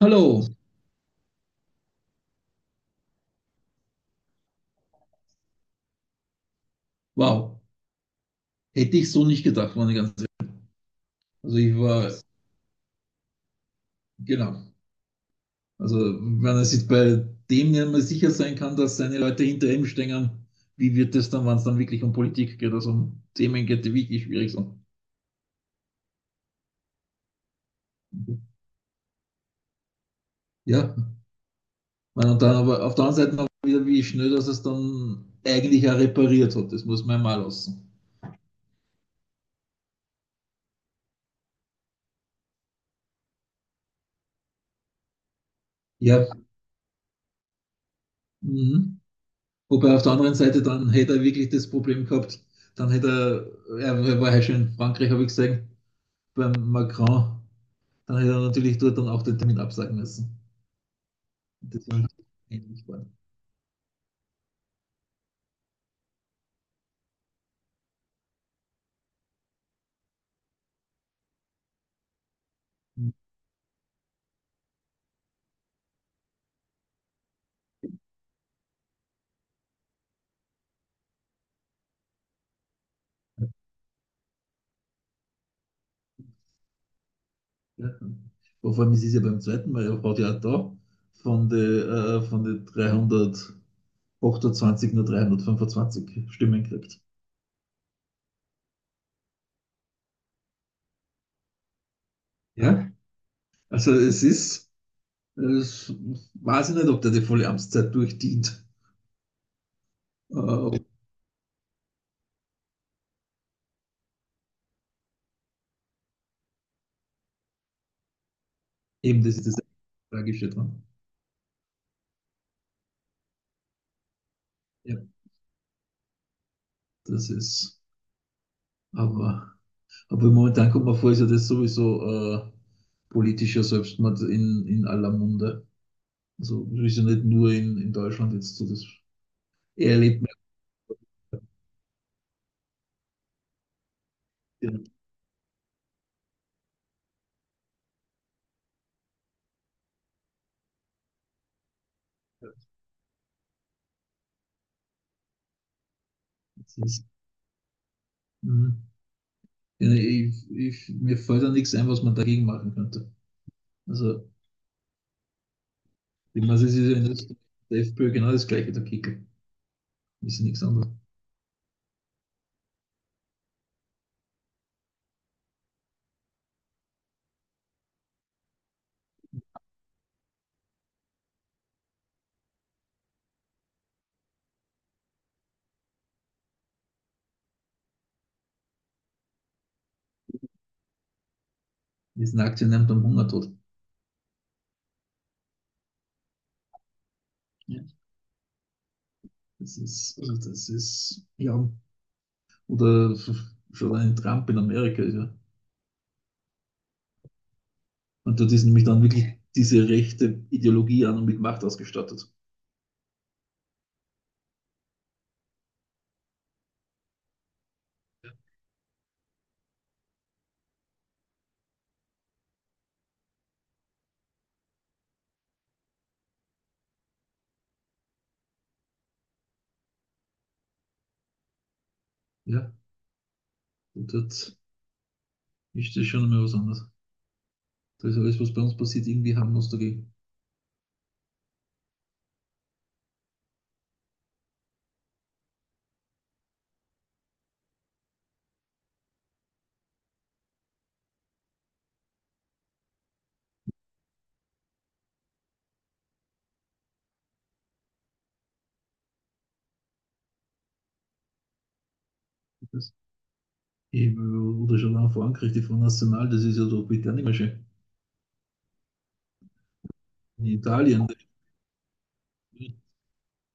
Hallo, wow. Hätte ich so nicht gedacht, meine ganze. Also ich war, genau. Also wenn er sich bei dem nicht mehr sicher sein kann, dass seine Leute hinter ihm stehen, wie wird es dann, wenn es dann wirklich um Politik geht, also um Themen geht, die wirklich schwierig sind. Ja, meine, und dann aber auf der anderen Seite auch wieder, wie schnell, dass es dann eigentlich auch repariert hat. Das muss man ja mal lassen. Ja, mhm. Wobei auf der anderen Seite, dann hätte er wirklich das Problem gehabt, dann hätte er war ja schon in Frankreich, habe ich gesehen, beim Macron, dann hätte er natürlich dort dann auch den Termin absagen müssen. Das war ähnlich. Ja, vor allem, es ist es ja beim zweiten Mal, er hat ja auch da von den 328 nur 325 Stimmen gekriegt. Ja, also es ist, es weiß ich nicht, ob der die volle Amtszeit durchdient. Äh, eben, das ist das Tragische dran. Ja, das ist, aber Aber momentan kommt mir vor, ist ja das sowieso äh, politischer Selbstmord in aller Munde. Also das ist ja nicht nur in Deutschland jetzt so, das erlebt man. Ja. Das ist, mhm. Ja, ne, ich, mir fällt da nichts ein, was man dagegen machen könnte. Also, ich meine, es ist ja in Österreich, der FPÖ genau das gleiche, der Kickel. Ist ja nichts anderes. Die sind Aktionären am Hungertod. Ja. Das ist, also das ist, ja, oder schon ein Trump in Amerika ist ja. Und dort ist nämlich dann wirklich diese rechte Ideologie an und mit Macht ausgestattet. Ja, und dort ist das schon einmal was anderes. Da ist alles, was bei uns passiert, irgendwie harmlos dagegen. Das eben, oder schon auch vor Angriff von National, das ist ja doch bitte auch nicht mehr schön. In Italien,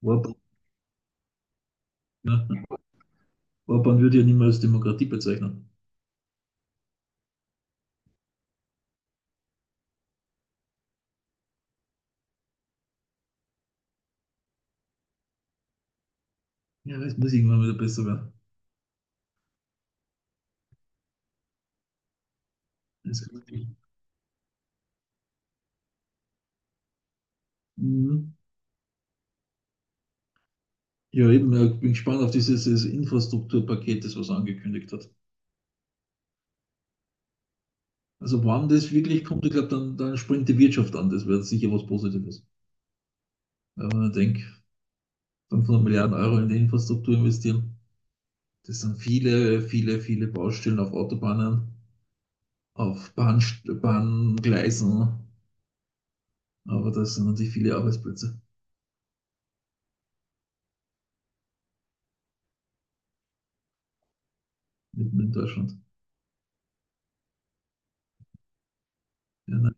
Orban, ja, Orban würde ja nicht mehr als Demokratie bezeichnen. Ja, es muss irgendwann wieder besser werden. Das mhm. Ja, eben, ich bin gespannt auf dieses Infrastrukturpaket, das was angekündigt hat. Also wann das wirklich kommt, ich glaube, dann, dann springt die Wirtschaft an. Das wäre sicher was Positives. Ja, wenn man denkt, 500 Milliarden Euro in die Infrastruktur investieren, das sind viele, viele, viele Baustellen auf Autobahnen, auf Bahn, Bahngleisen, aber das sind natürlich viele Arbeitsplätze mitten in Deutschland. Ja, ne?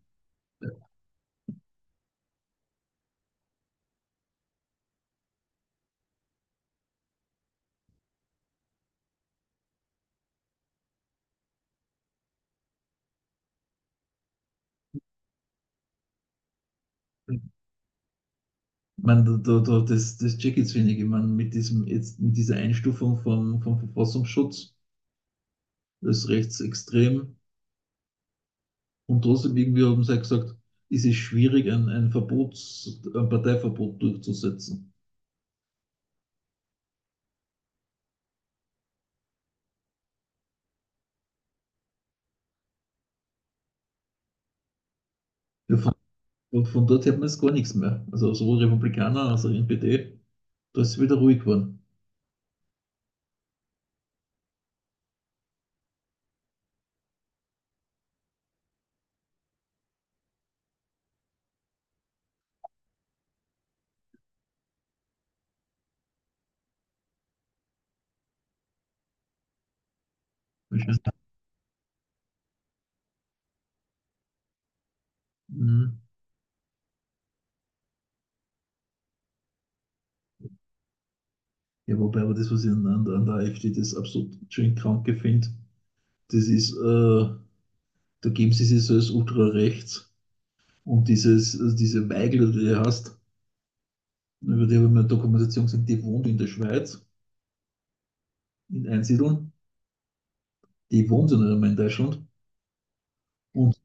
Ich meine, da, das check jetzt wenig. Ich meine, mit, diesem, jetzt, mit dieser Einstufung vom Verfassungsschutz als rechtsextrem. Und trotzdem irgendwie haben sie ja gesagt, es ist schwierig, ein Verbots, ein Parteiverbot durchzusetzen. Ja, von dort hört man jetzt gar nichts mehr. Also sowohl Republikaner als auch NPD, da ist es wieder ruhig geworden. Ich weiß nicht, mhm. Ja, wobei aber das, was ich an der AfD das absolut schön kranke finde, das ist, da geben sie sich so als ultrarechts und dieses, also diese Weigel, die du hast, über die habe ich mir eine Dokumentation gesehen, die wohnt in der Schweiz, in Einsiedeln, die wohnt ja nicht einmal in Deutschland. Und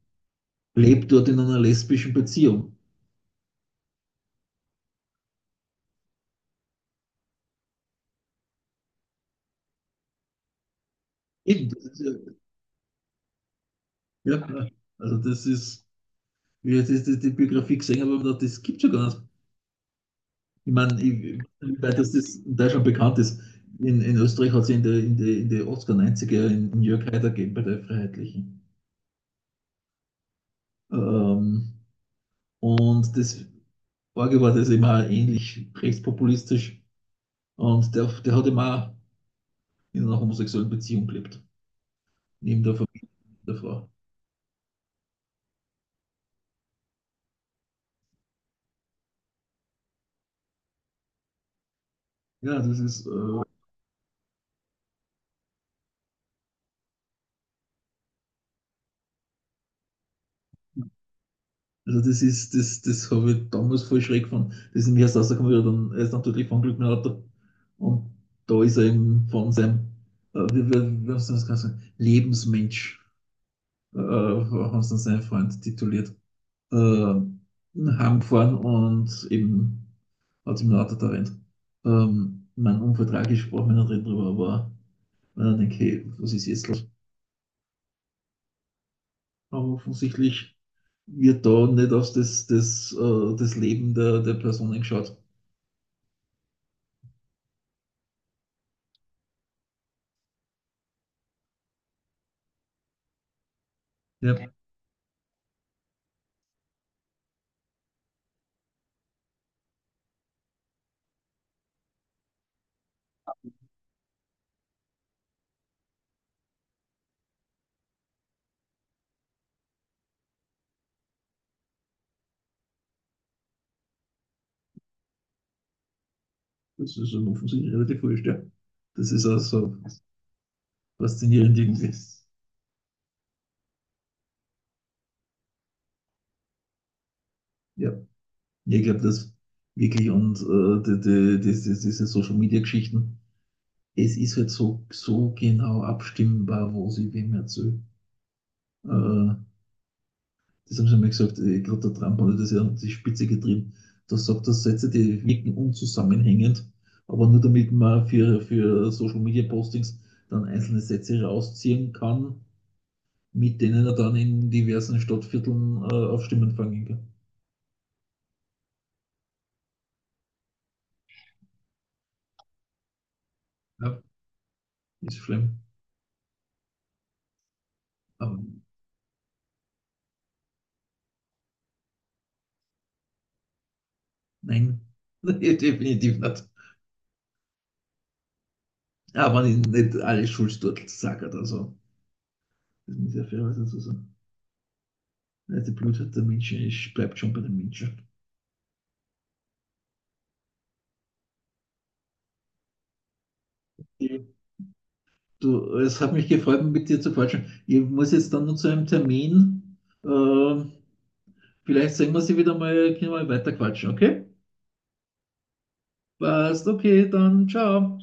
lebt dort in einer lesbischen Beziehung. Eben, das ist ja, ja, also das ist, wie jetzt ist das die Biografie gesehen habe, aber das gibt es ja gar nicht. Ich meine, ich, wie das, das in Deutschland bekannt ist. In Österreich hat es in den in die 80er, in Jörg Haider gegeben bei der Freiheitlichen. Ähm, und das Orge war das immer ähnlich rechtspopulistisch. Und der hat immer in einer homosexuellen Beziehung gelebt, neben der Familie der Frau. Ja, das ist. Also das ist, das, das habe ich damals voll schräg gefunden. Das ist nämlich erst rausgekommen, wie er dann, er ist natürlich von Glück mit dem Auto. Und da ist er eben von seinem, wie haben sie das Ganze sagen, Lebensmensch, haben sie dann seinen Freund tituliert, äh, heimgefahren und eben hat ihm ein Auto erwähnt. Mein Unfall tragisch, brauchen wir nicht reden drüber, aber wenn ich denke, hey, was ist jetzt los? Aber offensichtlich wird da nicht auf das, das Leben der Personen geschaut. Ja. Das ist schon offensichtlich relativ wurscht, ja. Das ist auch so faszinierend irgendwie. Ja, ja, ich glaube, das wirklich und diese Social Media Geschichten, es ist halt so, so genau abstimmbar, was ich wem erzähle. Äh, das haben sie mal gesagt, ich glaube, der Trump hat das ja an die Spitze getrieben. Da sagt er Sätze, die wirken unzusammenhängend, aber nur damit man für Social Media Postings dann einzelne Sätze rausziehen kann, mit denen er dann in diversen Stadtvierteln auf Stimmen fangen kann. Ja. Ist schlimm. Aber nein, definitiv nicht. Aber nicht, alle Schulsturtel sagt, also das muss ich ja fairerweise so sagen. Also die Blutheit der Menschen ist, bleibt schon bei den Menschen. Du, es hat mich gefreut, mit dir zu quatschen. Ich muss jetzt dann nur zu einem Termin. Äh, Vielleicht sehen wir sie wieder mal, können wir mal weiter quatschen, okay? Passt, okay, dann ciao.